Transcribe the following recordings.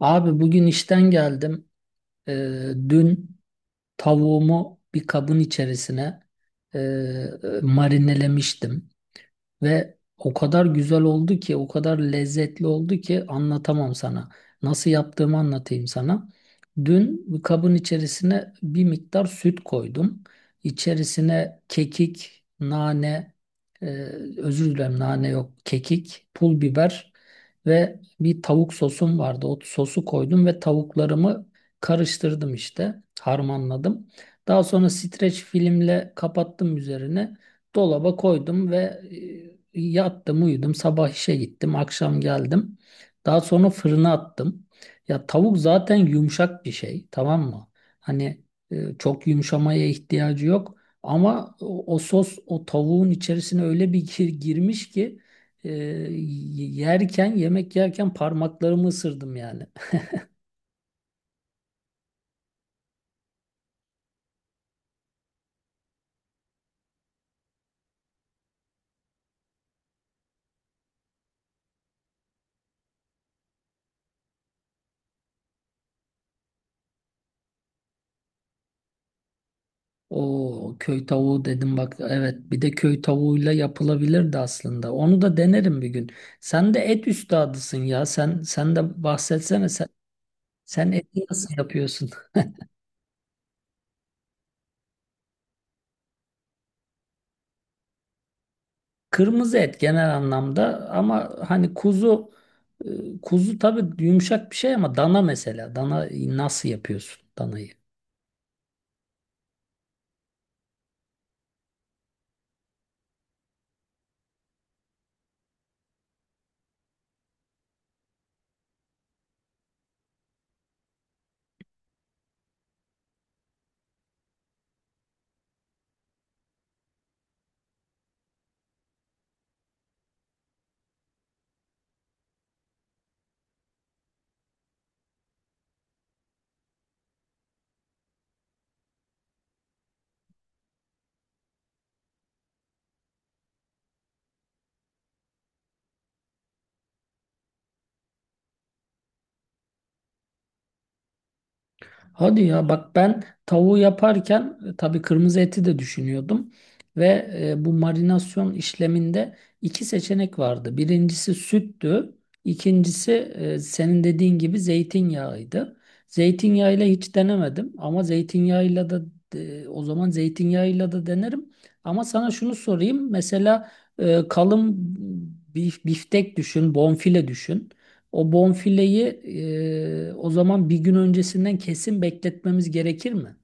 Abi bugün işten geldim. Dün tavuğumu bir kabın içerisine marinelemiştim. Ve o kadar güzel oldu ki, o kadar lezzetli oldu ki anlatamam sana. Nasıl yaptığımı anlatayım sana. Dün bir kabın içerisine bir miktar süt koydum. İçerisine kekik, nane, e, özür dilerim nane yok, kekik, pul biber ve bir tavuk sosum vardı. O sosu koydum ve tavuklarımı karıştırdım işte, harmanladım. Daha sonra streç filmle kapattım üzerine dolaba koydum ve e, yattım, uyudum, sabah işe gittim, akşam geldim. Daha sonra fırına attım. Ya tavuk zaten yumuşak bir şey, tamam mı? Hani çok yumuşamaya ihtiyacı yok. Ama o sos o tavuğun içerisine öyle bir girmiş ki, yerken, yemek yerken parmaklarımı ısırdım yani. O köy tavuğu dedim bak, evet, bir de köy tavuğuyla yapılabilirdi aslında. Onu da denerim bir gün. Sen de et üstadısın ya. Sen de bahsetsene sen, sen eti nasıl yapıyorsun? Kırmızı et genel anlamda ama hani kuzu, e, kuzu tabii yumuşak bir şey ama dana, mesela dana nasıl yapıyorsun danayı? Hadi ya, bak ben tavuğu yaparken tabii kırmızı eti de düşünüyordum ve bu marinasyon işleminde iki seçenek vardı. Birincisi süttü, ikincisi senin dediğin gibi zeytinyağıydı. Zeytinyağıyla hiç denemedim ama zeytinyağıyla da o zaman zeytinyağıyla da denerim. Ama sana şunu sorayım mesela, kalın biftek düşün, bonfile düşün. O bonfileyi o zaman bir gün öncesinden kesin bekletmemiz gerekir mi?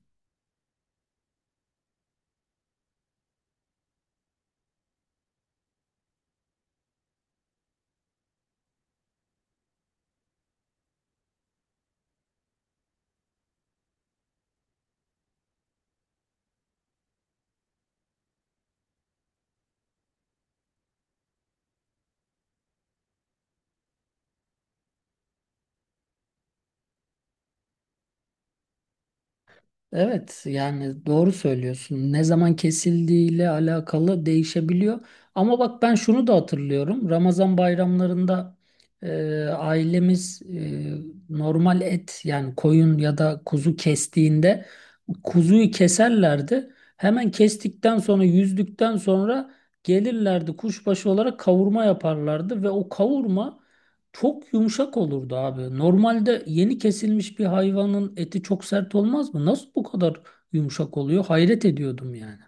Evet, yani doğru söylüyorsun. Ne zaman kesildiğiyle alakalı değişebiliyor. Ama bak ben şunu da hatırlıyorum. Ramazan bayramlarında ailemiz, normal et yani koyun ya da kuzu kestiğinde kuzuyu keserlerdi. Hemen kestikten sonra, yüzdükten sonra gelirlerdi kuşbaşı olarak kavurma yaparlardı ve o kavurma çok yumuşak olurdu abi. Normalde yeni kesilmiş bir hayvanın eti çok sert olmaz mı? Nasıl bu kadar yumuşak oluyor? Hayret ediyordum yani.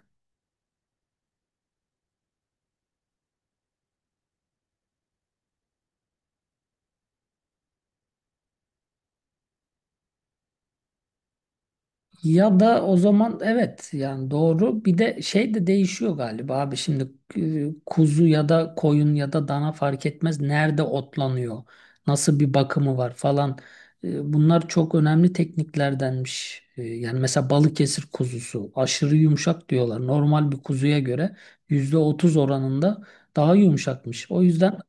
Ya da o zaman, evet, yani doğru. Bir de şey de değişiyor galiba abi, şimdi kuzu ya da koyun ya da dana fark etmez, nerede otlanıyor, nasıl bir bakımı var falan. E, Bunlar çok önemli tekniklerdenmiş. E, Yani mesela Balıkesir kuzusu aşırı yumuşak diyorlar. Normal bir kuzuya göre %30 oranında daha yumuşakmış. O yüzden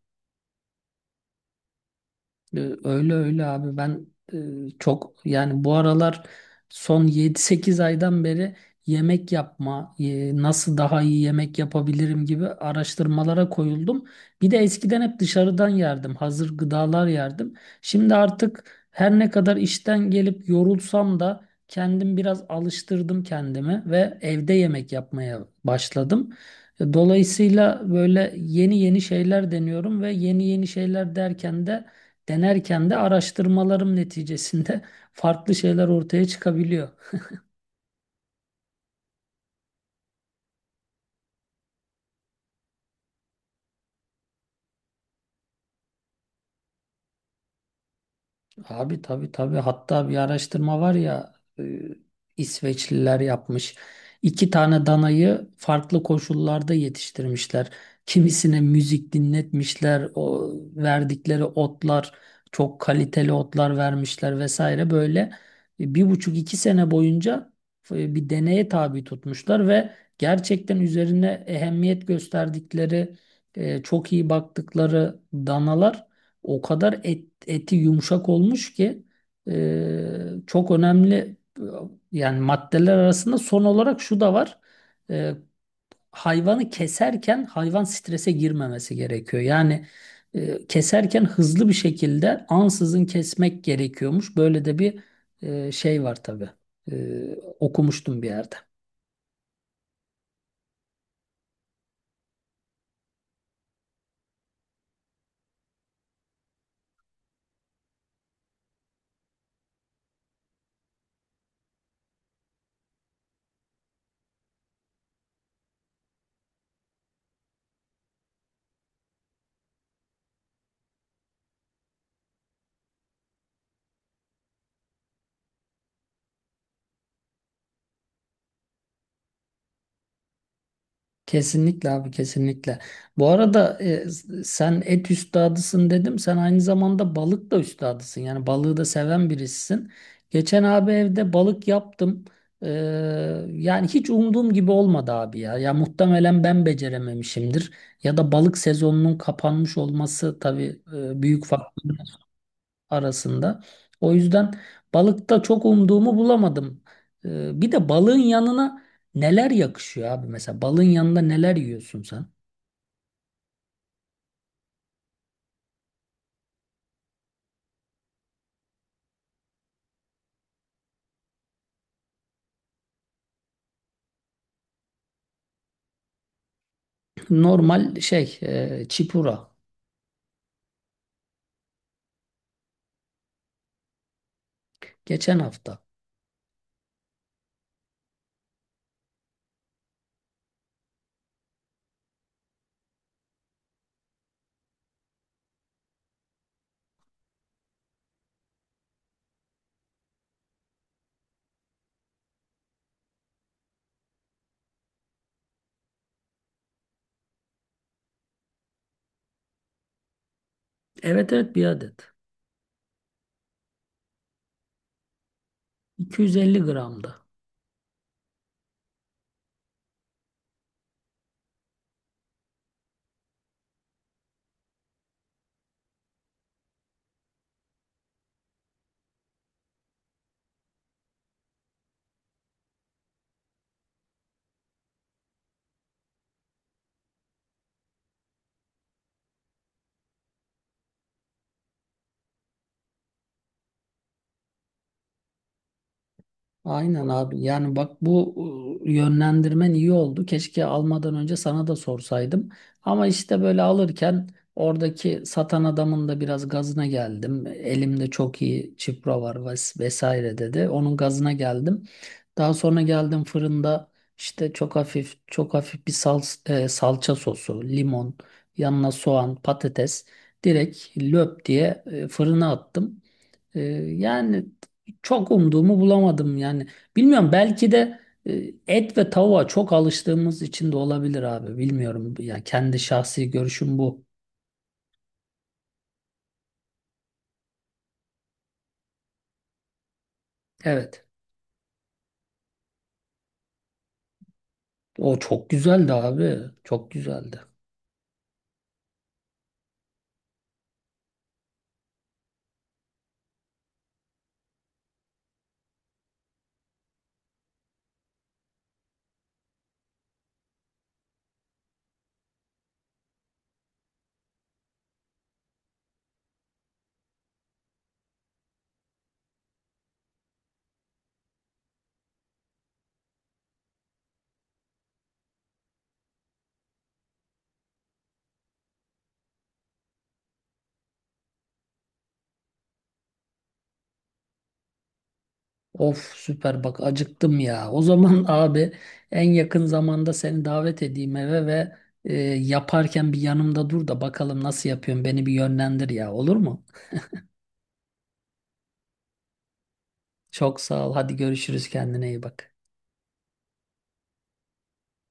öyle öyle abi, ben çok yani bu aralar, son yedi sekiz aydan beri yemek yapma, nasıl daha iyi yemek yapabilirim gibi araştırmalara koyuldum. Bir de eskiden hep dışarıdan yerdim, hazır gıdalar yerdim. Şimdi artık her ne kadar işten gelip yorulsam da kendim biraz alıştırdım kendimi ve evde yemek yapmaya başladım. Dolayısıyla böyle yeni yeni şeyler deniyorum ve yeni yeni şeyler derken de, denerken de araştırmalarım neticesinde farklı şeyler ortaya çıkabiliyor. Abi tabii tabii, hatta bir araştırma var ya, e, İsveçliler yapmış. İki tane danayı farklı koşullarda yetiştirmişler. Kimisine müzik dinletmişler, o verdikleri otlar çok kaliteli otlar vermişler vesaire, böyle bir buçuk iki sene boyunca bir deneye tabi tutmuşlar ve gerçekten üzerine ehemmiyet gösterdikleri, çok iyi baktıkları danalar o kadar eti yumuşak olmuş ki, çok önemli e, yani maddeler arasında son olarak şu da var. E, hayvanı keserken hayvan strese girmemesi gerekiyor. Yani keserken hızlı bir şekilde ansızın kesmek gerekiyormuş. Böyle de bir şey var tabii. E, okumuştum bir yerde. Kesinlikle abi, kesinlikle. Bu arada sen et üstadısın dedim. Sen aynı zamanda balık da üstadısın. Yani balığı da seven birisisin. Geçen abi evde balık yaptım. Ee, Yani hiç umduğum gibi olmadı abi ya. Ya muhtemelen ben becerememişimdir. Ya da balık sezonunun kapanmış olması tabii, büyük faktör arasında. O yüzden balıkta çok umduğumu bulamadım. Bir de balığın yanına neler yakışıyor abi? Mesela balığın yanında neler yiyorsun sen? Normal şey, çipura. Geçen hafta. Evet, evet, bir adet. 250 gramdı. Aynen abi. Yani bak, bu yönlendirmen iyi oldu. Keşke almadan önce sana da sorsaydım. Ama işte böyle alırken oradaki satan adamın da biraz gazına geldim. Elimde çok iyi çipro var vesaire dedi. Onun gazına geldim. Daha sonra geldim fırında işte çok hafif çok hafif bir salça sosu, limon, yanına soğan, patates direkt löp diye fırına attım. Ee, Yani çok umduğumu bulamadım yani. Bilmiyorum, belki de e, et ve tavuğa çok alıştığımız için de olabilir abi. Bilmiyorum. Yani kendi şahsi görüşüm bu. Evet. O çok güzeldi abi. Çok güzeldi. Of süper, bak acıktım ya. O zaman abi en yakın zamanda seni davet edeyim eve ve, yaparken bir yanımda dur da bakalım nasıl yapıyorsun, beni bir yönlendir ya, olur mu? Çok sağ ol. Hadi görüşürüz. Kendine iyi bak.